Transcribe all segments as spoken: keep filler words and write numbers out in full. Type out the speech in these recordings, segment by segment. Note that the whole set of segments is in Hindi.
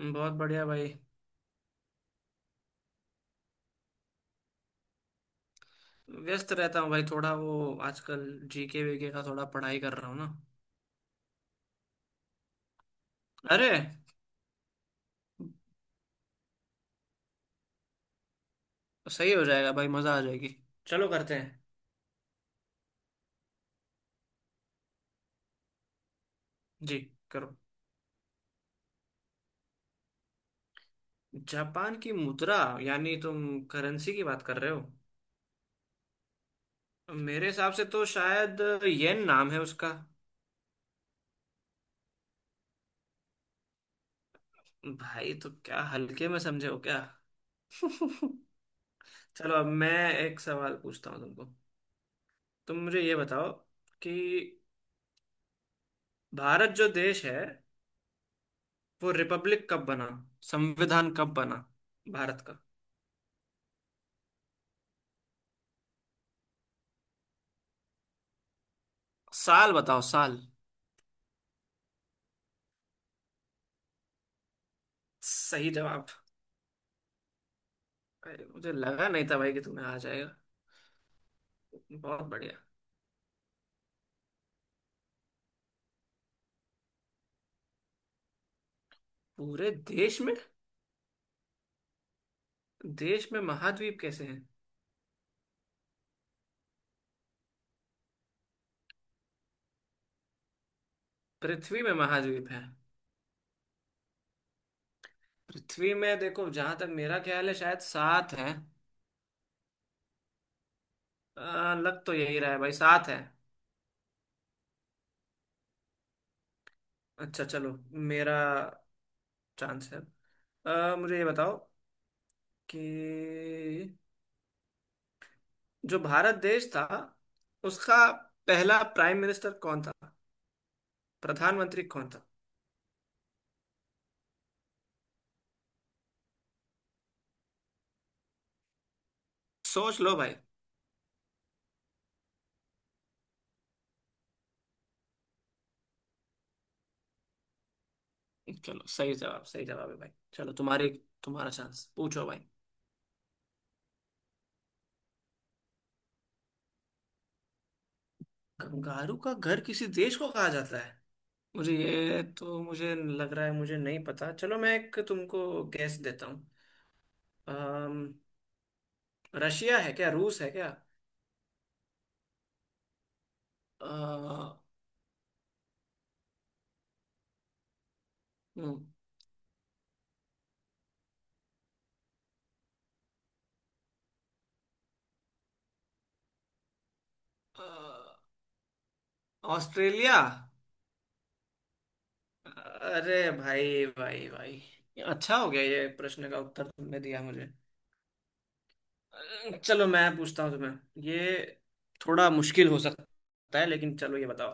बहुत बढ़िया भाई। व्यस्त रहता हूँ भाई, थोड़ा वो आजकल जीके वीके का थोड़ा पढ़ाई कर रहा हूँ ना। अरे सही हो जाएगा भाई, मजा आ जाएगी। चलो करते हैं। जी, करो। जापान की मुद्रा यानी तुम करेंसी की बात कर रहे हो। मेरे हिसाब से तो शायद येन नाम है उसका। भाई तो क्या हल्के में समझे हो क्या? चलो अब मैं एक सवाल पूछता हूँ तुमको। तुम मुझे ये बताओ कि भारत जो देश है वो रिपब्लिक कब बना, संविधान कब बना भारत का? साल बताओ, साल। सही जवाब। अरे, मुझे लगा नहीं था भाई कि तुम्हें आ जाएगा। बहुत बढ़िया। पूरे देश में। देश में महाद्वीप कैसे हैं? पृथ्वी में महाद्वीप है। पृथ्वी में देखो, जहां तक मेरा ख्याल है शायद सात है। आ, लग तो यही रहा है भाई, सात है। अच्छा चलो, मेरा चांस है। आ, मुझे ये बताओ कि जो भारत देश था उसका पहला प्राइम मिनिस्टर कौन था, प्रधानमंत्री कौन था? सोच लो भाई। चलो सही जवाब, सही जवाब है भाई। चलो तुम्हारी, तुम्हारा चांस। पूछो भाई। कंगारू का घर किसी देश को कहा जाता है? मुझे ये तो, मुझे लग रहा है मुझे नहीं पता। चलो मैं एक तुमको गैस देता हूँ। अम, रशिया है क्या, रूस है क्या? अ, हम्म, अ, ऑस्ट्रेलिया। अरे भाई भाई भाई, अच्छा हो गया ये प्रश्न का उत्तर तुमने दिया मुझे। चलो मैं पूछता हूँ तुम्हें, ये थोड़ा मुश्किल हो सकता है लेकिन चलो ये बताओ।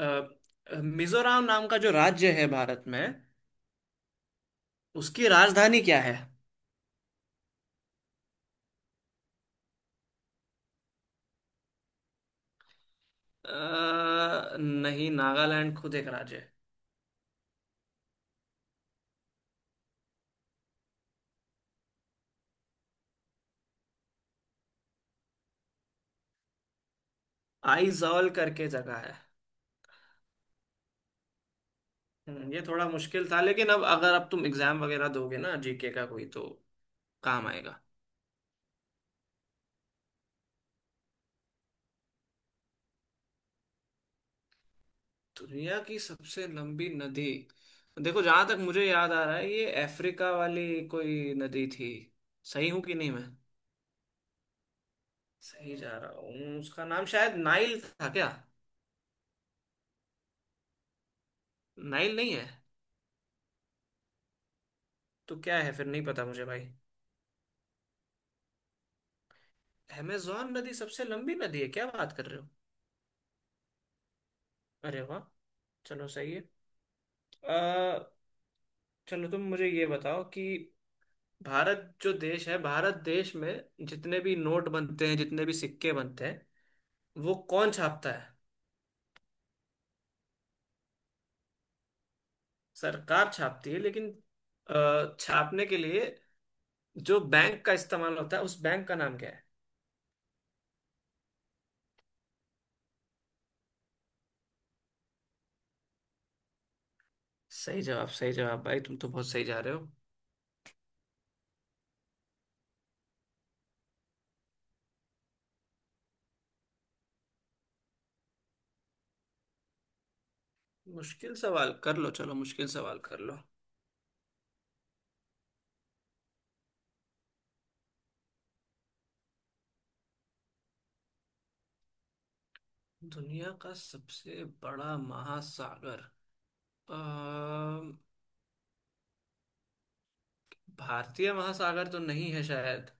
अ, मिजोरम नाम का जो राज्य है भारत में, उसकी राजधानी क्या है? अ, नहीं, नागालैंड खुद एक राज्य है। आइजॉल करके जगह है। हम्म, ये थोड़ा मुश्किल था लेकिन अब अगर अब तुम एग्जाम वगैरह दोगे ना, जीके का कोई तो काम आएगा। दुनिया की सबसे लंबी नदी, देखो जहां तक मुझे याद आ रहा है ये अफ्रीका वाली कोई नदी थी। सही हूं कि नहीं मैं? सही जा रहा हूँ। उसका नाम शायद नाइल था क्या? नाइल नहीं है? तो क्या है फिर, नहीं पता मुझे भाई। अमेजोन नदी सबसे लंबी नदी है? क्या बात कर रहे हो! अरे वाह, चलो सही है। अ, चलो तुम मुझे ये बताओ कि भारत जो देश है, भारत देश में जितने भी नोट बनते हैं, जितने भी सिक्के बनते हैं, वो कौन छापता है? सरकार छापती है लेकिन अ, छापने के लिए जो बैंक का इस्तेमाल होता है उस बैंक का नाम क्या है? सही जवाब, सही जवाब भाई। तुम तो बहुत सही जा रहे हो। मुश्किल सवाल कर लो, चलो मुश्किल सवाल कर लो। दुनिया का सबसे बड़ा महासागर, अ, भारतीय महासागर तो नहीं है शायद।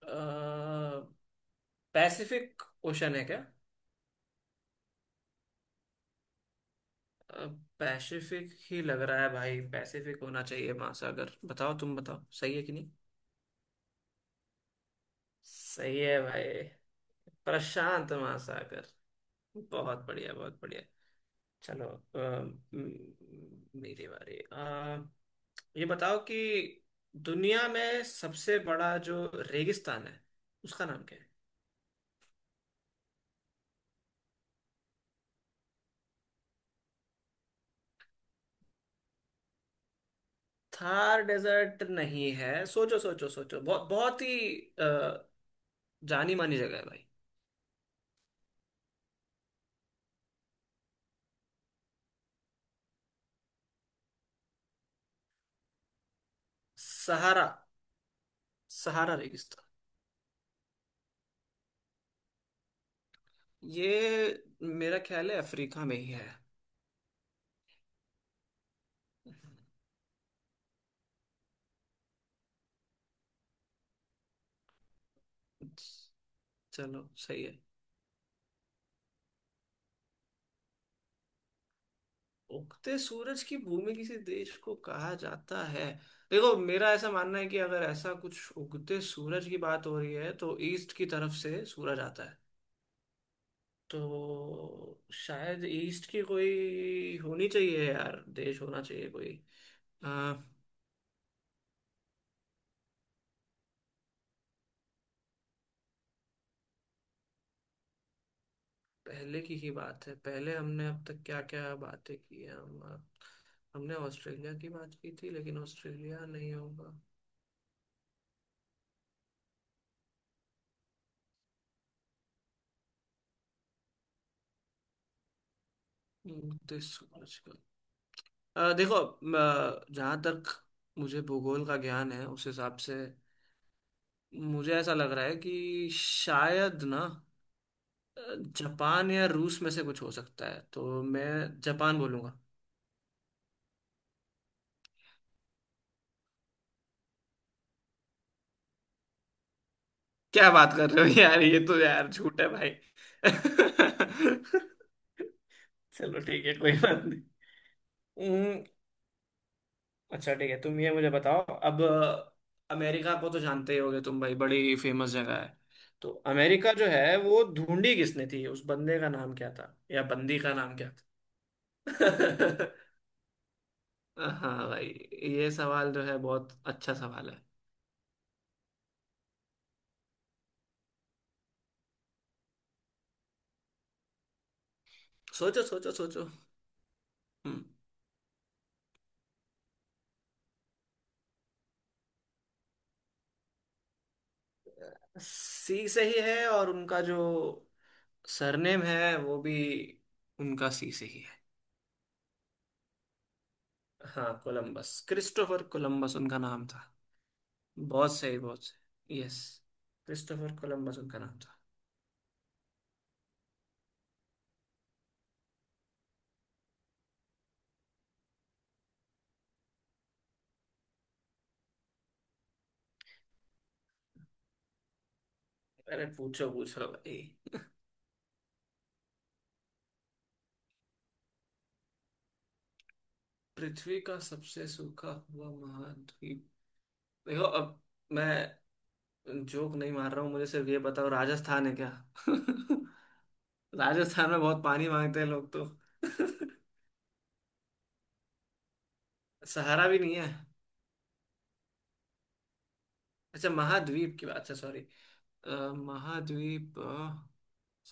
अ, पैसिफिक ओशन है क्या? अ, पैसिफिक ही लग रहा है भाई, पैसिफिक होना चाहिए महासागर। बताओ तुम, बताओ सही है कि नहीं। सही है भाई, प्रशांत महासागर। बहुत बढ़िया, बहुत बढ़िया। चलो। अ, म- मेरी बारी। अ, ये बताओ कि दुनिया में सबसे बड़ा जो रेगिस्तान है उसका नाम क्या है? थार डेजर्ट नहीं है। सोचो सोचो सोचो, बहुत बहुत ही अ, जानी मानी जगह है भाई। सहारा, सहारा रेगिस्तान। ये मेरा ख्याल है अफ्रीका में ही है। चलो सही है। उगते सूरज की भूमि किसी देश को कहा जाता है? देखो मेरा ऐसा मानना है कि अगर ऐसा कुछ उगते सूरज की बात हो रही है तो ईस्ट की तरफ से सूरज आता है, तो शायद ईस्ट की कोई होनी चाहिए यार, देश होना चाहिए कोई। आ, पहले की ही बात है। पहले हमने अब तक क्या क्या बातें की हैं हम? हमने ऑस्ट्रेलिया की बात की थी लेकिन ऑस्ट्रेलिया नहीं होगा। उगते सूरज का अ, देखो म, जहाँ तक मुझे भूगोल का ज्ञान है उस हिसाब से मुझे ऐसा लग रहा है कि शायद ना अ, जापान या रूस में से कुछ हो सकता है, तो मैं जापान बोलूंगा। क्या बात कर रहे हो यार, ये तो यार झूठ है भाई। चलो ठीक है, कोई बात नहीं। अच्छा ठीक है, तुम ये मुझे बताओ अब। अमेरिका को तो जानते ही होगे तुम भाई, बड़ी फेमस जगह है। तो अमेरिका जो है वो ढूंढी किसने थी, उस बंदे का नाम क्या था या बंदी का नाम क्या था? हाँ भाई, ये सवाल जो है बहुत अच्छा सवाल है। सोचो सोचो सोचो। हम्म। सी से ही है, और उनका जो सरनेम है वो भी उनका सी से ही है। हाँ कोलंबस, क्रिस्टोफर कोलंबस उनका नाम था। बहुत सही, बहुत सही, यस। क्रिस्टोफर कोलंबस उनका नाम था। अरे पूछो पूछो भाई। पृथ्वी का सबसे सूखा हुआ महाद्वीप, देखो अब मैं जोक नहीं मार रहा हूँ, मुझे सिर्फ ये बताओ राजस्थान है क्या? राजस्थान में बहुत पानी मांगते हैं लोग तो। सहारा भी नहीं है? अच्छा महाद्वीप की बात, अच्छा सॉरी। महाद्वीप, अ,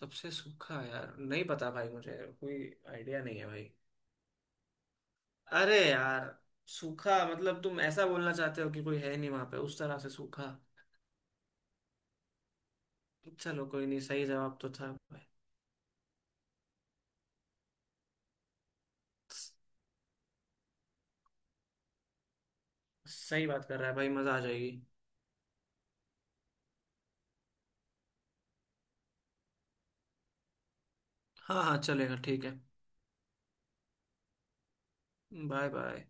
सबसे सूखा, यार नहीं पता भाई मुझे, कोई आइडिया नहीं है भाई। अरे यार, सूखा मतलब तुम ऐसा बोलना चाहते हो कि कोई है नहीं वहां पे उस तरह से सूखा? चलो कोई नहीं, सही जवाब तो था भाई। सही बात कर रहा है भाई, मजा आ जाएगी। हाँ हाँ चलेगा, ठीक है। Bye bye.